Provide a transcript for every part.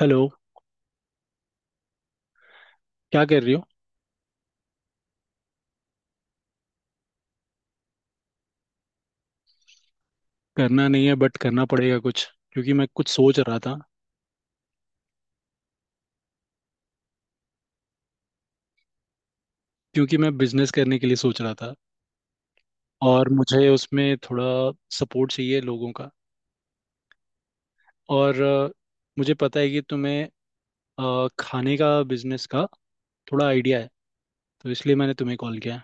Hello. क्या कर रही हो? करना नहीं है बट करना पड़ेगा कुछ क्योंकि मैं कुछ सोच रहा था। क्योंकि मैं बिजनेस करने के लिए सोच रहा था और मुझे उसमें थोड़ा सपोर्ट चाहिए लोगों का। और मुझे पता है कि तुम्हें खाने का बिजनेस का थोड़ा आइडिया है, तो इसलिए मैंने तुम्हें कॉल किया है।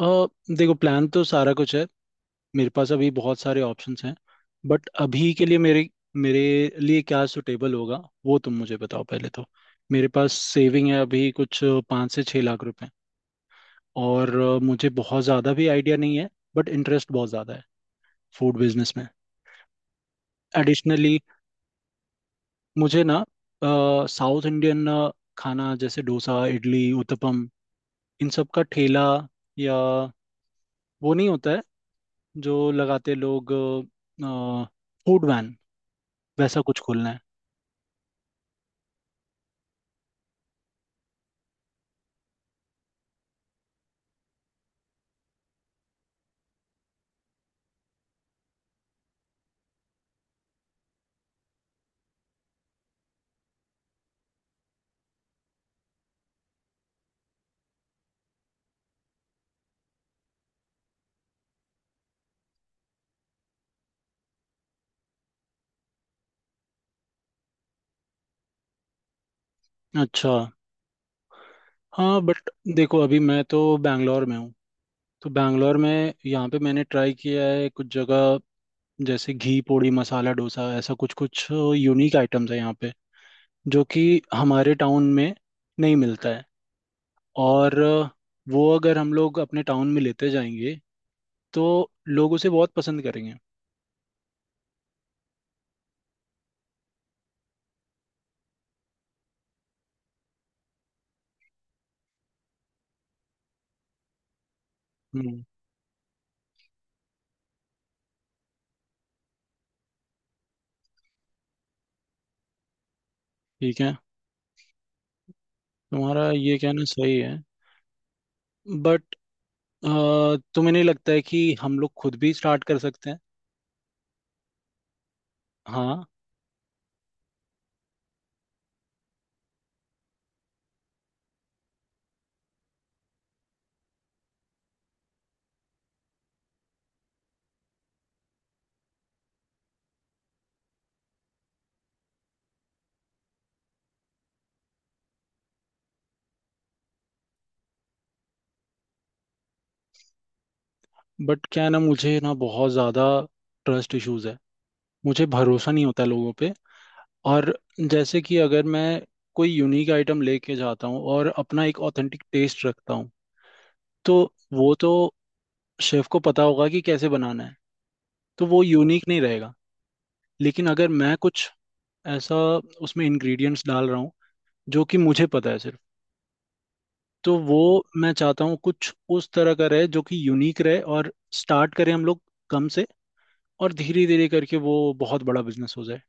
अ, देखो, प्लान तो सारा कुछ है, मेरे पास अभी बहुत सारे ऑप्शंस हैं। बट अभी के लिए मेरे मेरे लिए क्या सुटेबल होगा वो तुम मुझे बताओ पहले तो। मेरे पास सेविंग है अभी कुछ 5 से 6 लाख रुपए। और मुझे बहुत ज़्यादा भी आइडिया नहीं है बट इंटरेस्ट बहुत ज़्यादा है फूड बिजनेस में। एडिशनली मुझे ना साउथ इंडियन खाना जैसे डोसा इडली उत्तपम इन सब का ठेला, या वो नहीं होता है जो लगाते लोग, फूड वैन, वैसा कुछ खोलना है। अच्छा, हाँ बट देखो अभी मैं तो बैंगलोर में हूँ, तो बैंगलोर में यहाँ पे मैंने ट्राई किया है कुछ जगह, जैसे घी पोड़ी मसाला डोसा, ऐसा कुछ कुछ यूनिक आइटम्स है यहाँ पे जो कि हमारे टाउन में नहीं मिलता है। और वो अगर हम लोग अपने टाउन में लेते जाएंगे तो लोग उसे बहुत पसंद करेंगे। हम्म, ठीक है, तुम्हारा ये कहना सही है, बट तुम्हें नहीं लगता है कि हम लोग खुद भी स्टार्ट कर सकते हैं? हाँ, बट क्या है ना, मुझे ना बहुत ज़्यादा ट्रस्ट इश्यूज है, मुझे भरोसा नहीं होता लोगों पे। और जैसे कि अगर मैं कोई यूनिक आइटम लेके जाता हूँ और अपना एक ऑथेंटिक टेस्ट रखता हूँ, तो वो तो शेफ को पता होगा कि कैसे बनाना है, तो वो यूनिक नहीं रहेगा। लेकिन अगर मैं कुछ ऐसा उसमें इंग्रेडिएंट्स डाल रहा हूँ जो कि मुझे पता है सिर्फ, तो वो मैं चाहता हूँ कुछ उस तरह का रहे जो कि यूनिक रहे, और स्टार्ट करें हम लोग कम से, और धीरे धीरे करके वो बहुत बड़ा बिजनेस हो जाए।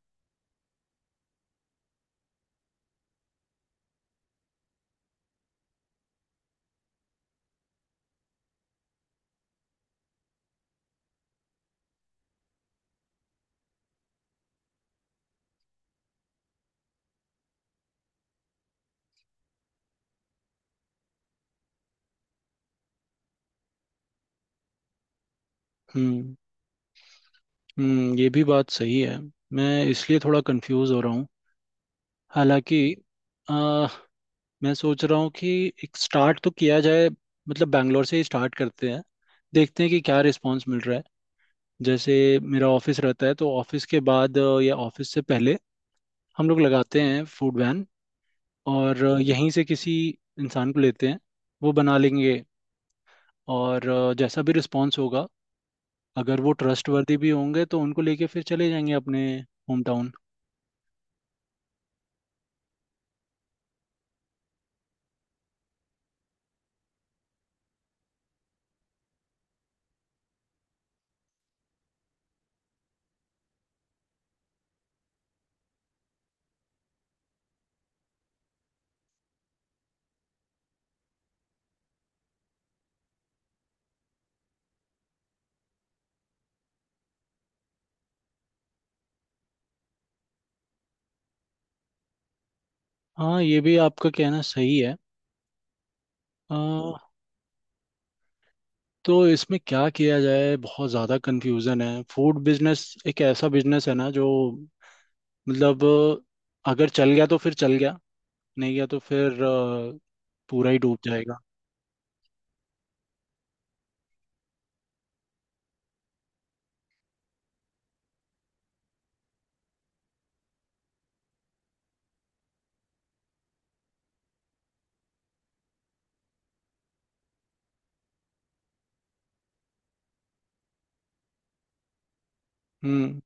हम्म हम्म, ये भी बात सही है। मैं इसलिए थोड़ा कंफ्यूज हो रहा हूँ हालांकि। मैं सोच रहा हूँ कि एक स्टार्ट तो किया जाए, मतलब बैंगलोर से ही स्टार्ट करते हैं, देखते हैं कि क्या रिस्पांस मिल रहा है। जैसे मेरा ऑफिस रहता है तो ऑफिस के बाद या ऑफिस से पहले हम लोग लगाते हैं फूड वैन। और यहीं से किसी इंसान को लेते हैं, वो बना लेंगे। और जैसा भी रिस्पांस होगा, अगर वो ट्रस्टवर्दी भी होंगे तो उनको लेके फिर चले जाएंगे अपने होम टाउन। हाँ, ये भी आपका कहना सही है। अ, तो इसमें क्या किया जाए, बहुत ज़्यादा कंफ्यूजन है। फूड बिजनेस एक ऐसा बिजनेस है ना, जो मतलब अगर चल गया तो फिर चल गया, नहीं गया तो फिर पूरा ही डूब जाएगा। हम्म,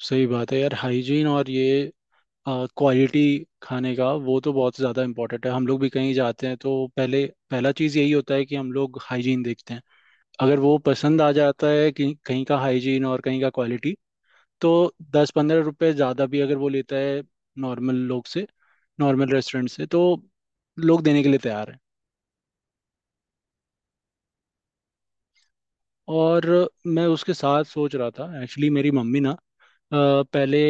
सही बात है यार, हाइजीन और ये क्वालिटी खाने का, वो तो बहुत ज़्यादा इम्पोर्टेंट है। हम लोग भी कहीं जाते हैं तो पहले पहला चीज़ यही होता है कि हम लोग हाइजीन देखते हैं। अगर वो पसंद आ जाता है कि कहीं का हाइजीन और कहीं का क्वालिटी, तो 10-15 रुपए ज़्यादा भी अगर वो लेता है नॉर्मल लोग से, नॉर्मल रेस्टोरेंट से, तो लोग देने के लिए तैयार हैं। और मैं उसके साथ सोच रहा था, एक्चुअली मेरी मम्मी ना पहले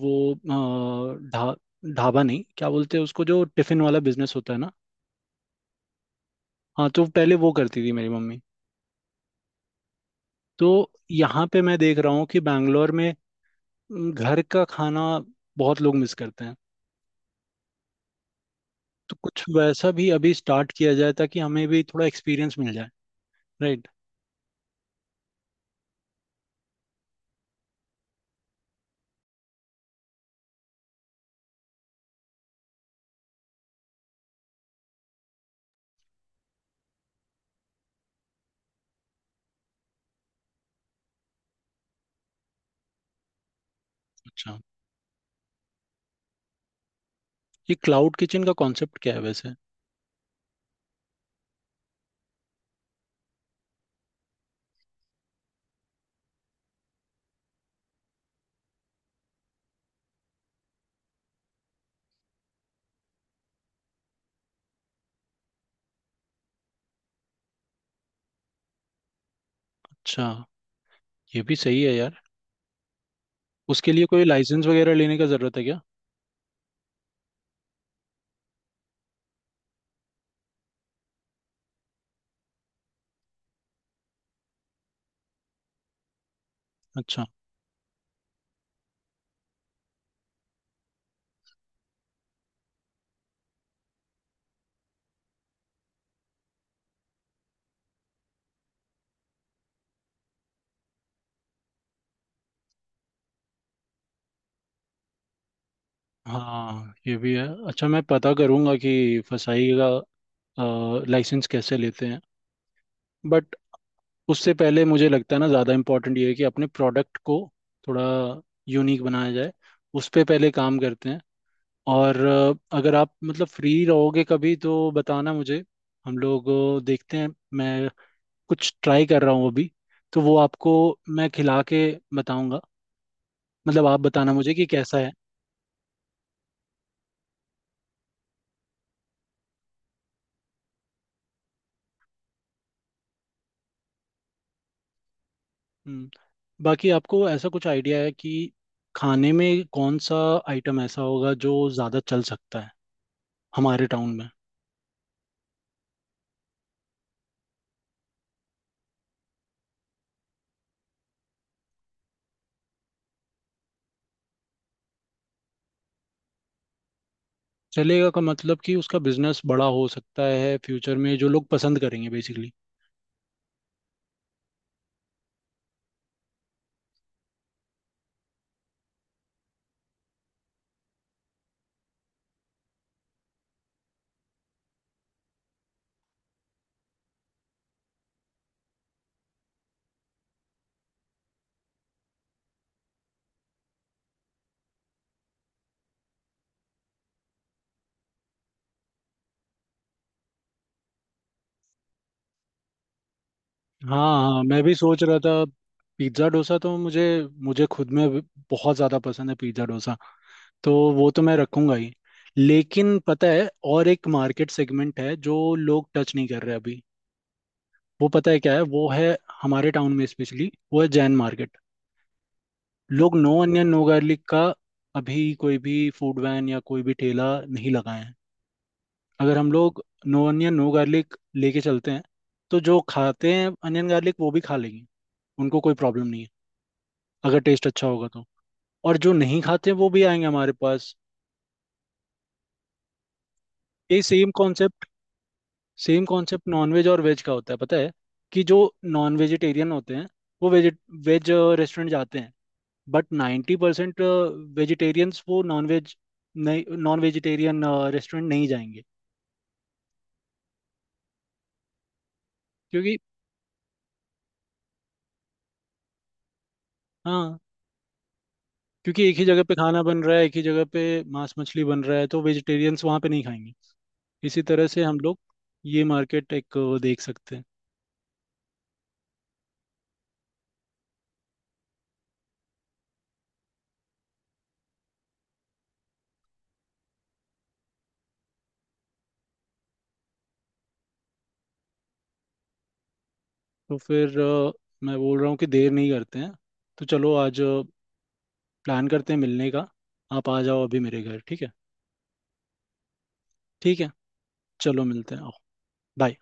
वो अ, ढा ढाबा, नहीं क्या बोलते हैं उसको, जो टिफ़िन वाला बिजनेस होता है ना, हाँ, तो पहले वो करती थी मेरी मम्मी। तो यहाँ पे मैं देख रहा हूँ कि बैंगलोर में घर का खाना बहुत लोग मिस करते हैं, तो कुछ वैसा भी अभी स्टार्ट किया जाए ताकि हमें भी थोड़ा एक्सपीरियंस मिल जाए, राइट? अच्छा, ये क्लाउड किचन का कॉन्सेप्ट क्या है वैसे? अच्छा, ये भी सही है यार। उसके लिए कोई लाइसेंस वगैरह लेने का ज़रूरत है क्या? अच्छा, हाँ ये भी है। अच्छा, मैं पता करूँगा कि फसाई का लाइसेंस कैसे लेते हैं। बट उससे पहले मुझे लगता है ना, ज़्यादा इम्पोर्टेंट ये है कि अपने प्रोडक्ट को थोड़ा यूनिक बनाया जाए, उस पर पहले काम करते हैं। और अगर आप मतलब फ्री रहोगे कभी तो बताना मुझे, हम लोग देखते हैं। मैं कुछ ट्राई कर रहा हूँ अभी, तो वो आपको मैं खिला के बताऊंगा, मतलब आप बताना मुझे कि कैसा है। हम्म, बाकी आपको ऐसा कुछ आइडिया है कि खाने में कौन सा आइटम ऐसा होगा जो ज़्यादा चल सकता है हमारे टाउन में? चलेगा का मतलब कि उसका बिजनेस बड़ा हो सकता है फ्यूचर में, जो लोग पसंद करेंगे बेसिकली। हाँ हाँ, मैं भी सोच रहा था पिज्ज़ा डोसा, तो मुझे मुझे खुद में बहुत ज़्यादा पसंद है पिज्ज़ा डोसा, तो वो तो मैं रखूंगा ही। लेकिन पता है, और एक मार्केट सेगमेंट है जो लोग टच नहीं कर रहे अभी, वो पता है क्या है, वो है हमारे टाउन में, स्पेशली वो है जैन मार्केट। लोग नो अनियन नो गार्लिक का अभी कोई भी फूड वैन या कोई भी ठेला नहीं लगाए हैं। अगर हम लोग नो अनियन नो गार्लिक लेके चलते हैं, तो जो खाते हैं अनियन गार्लिक वो भी खा लेंगे, उनको कोई प्रॉब्लम नहीं है अगर टेस्ट अच्छा होगा तो। और जो नहीं खाते वो भी आएंगे हमारे पास। ये same concept, same concept nonveg और वेज का होता है पता है, कि जो नॉन वेजिटेरियन होते हैं वो वेज, वेज रेस्टोरेंट जाते हैं, बट 90% वेजिटेरियंस वो नॉन वेज, नहीं, नॉन वेजिटेरियन रेस्टोरेंट नहीं जाएंगे। क्योंकि, हाँ क्योंकि एक ही जगह पे खाना बन रहा है, एक ही जगह पे मांस मछली बन रहा है, तो वेजिटेरियंस वहाँ पे नहीं खाएंगे। इसी तरह से हम लोग ये मार्केट एक देख सकते हैं। तो फिर मैं बोल रहा हूँ कि देर नहीं करते हैं, तो चलो आज प्लान करते हैं मिलने का। आप आ जाओ अभी मेरे घर, ठीक है? ठीक है, चलो मिलते हैं, आओ, बाय।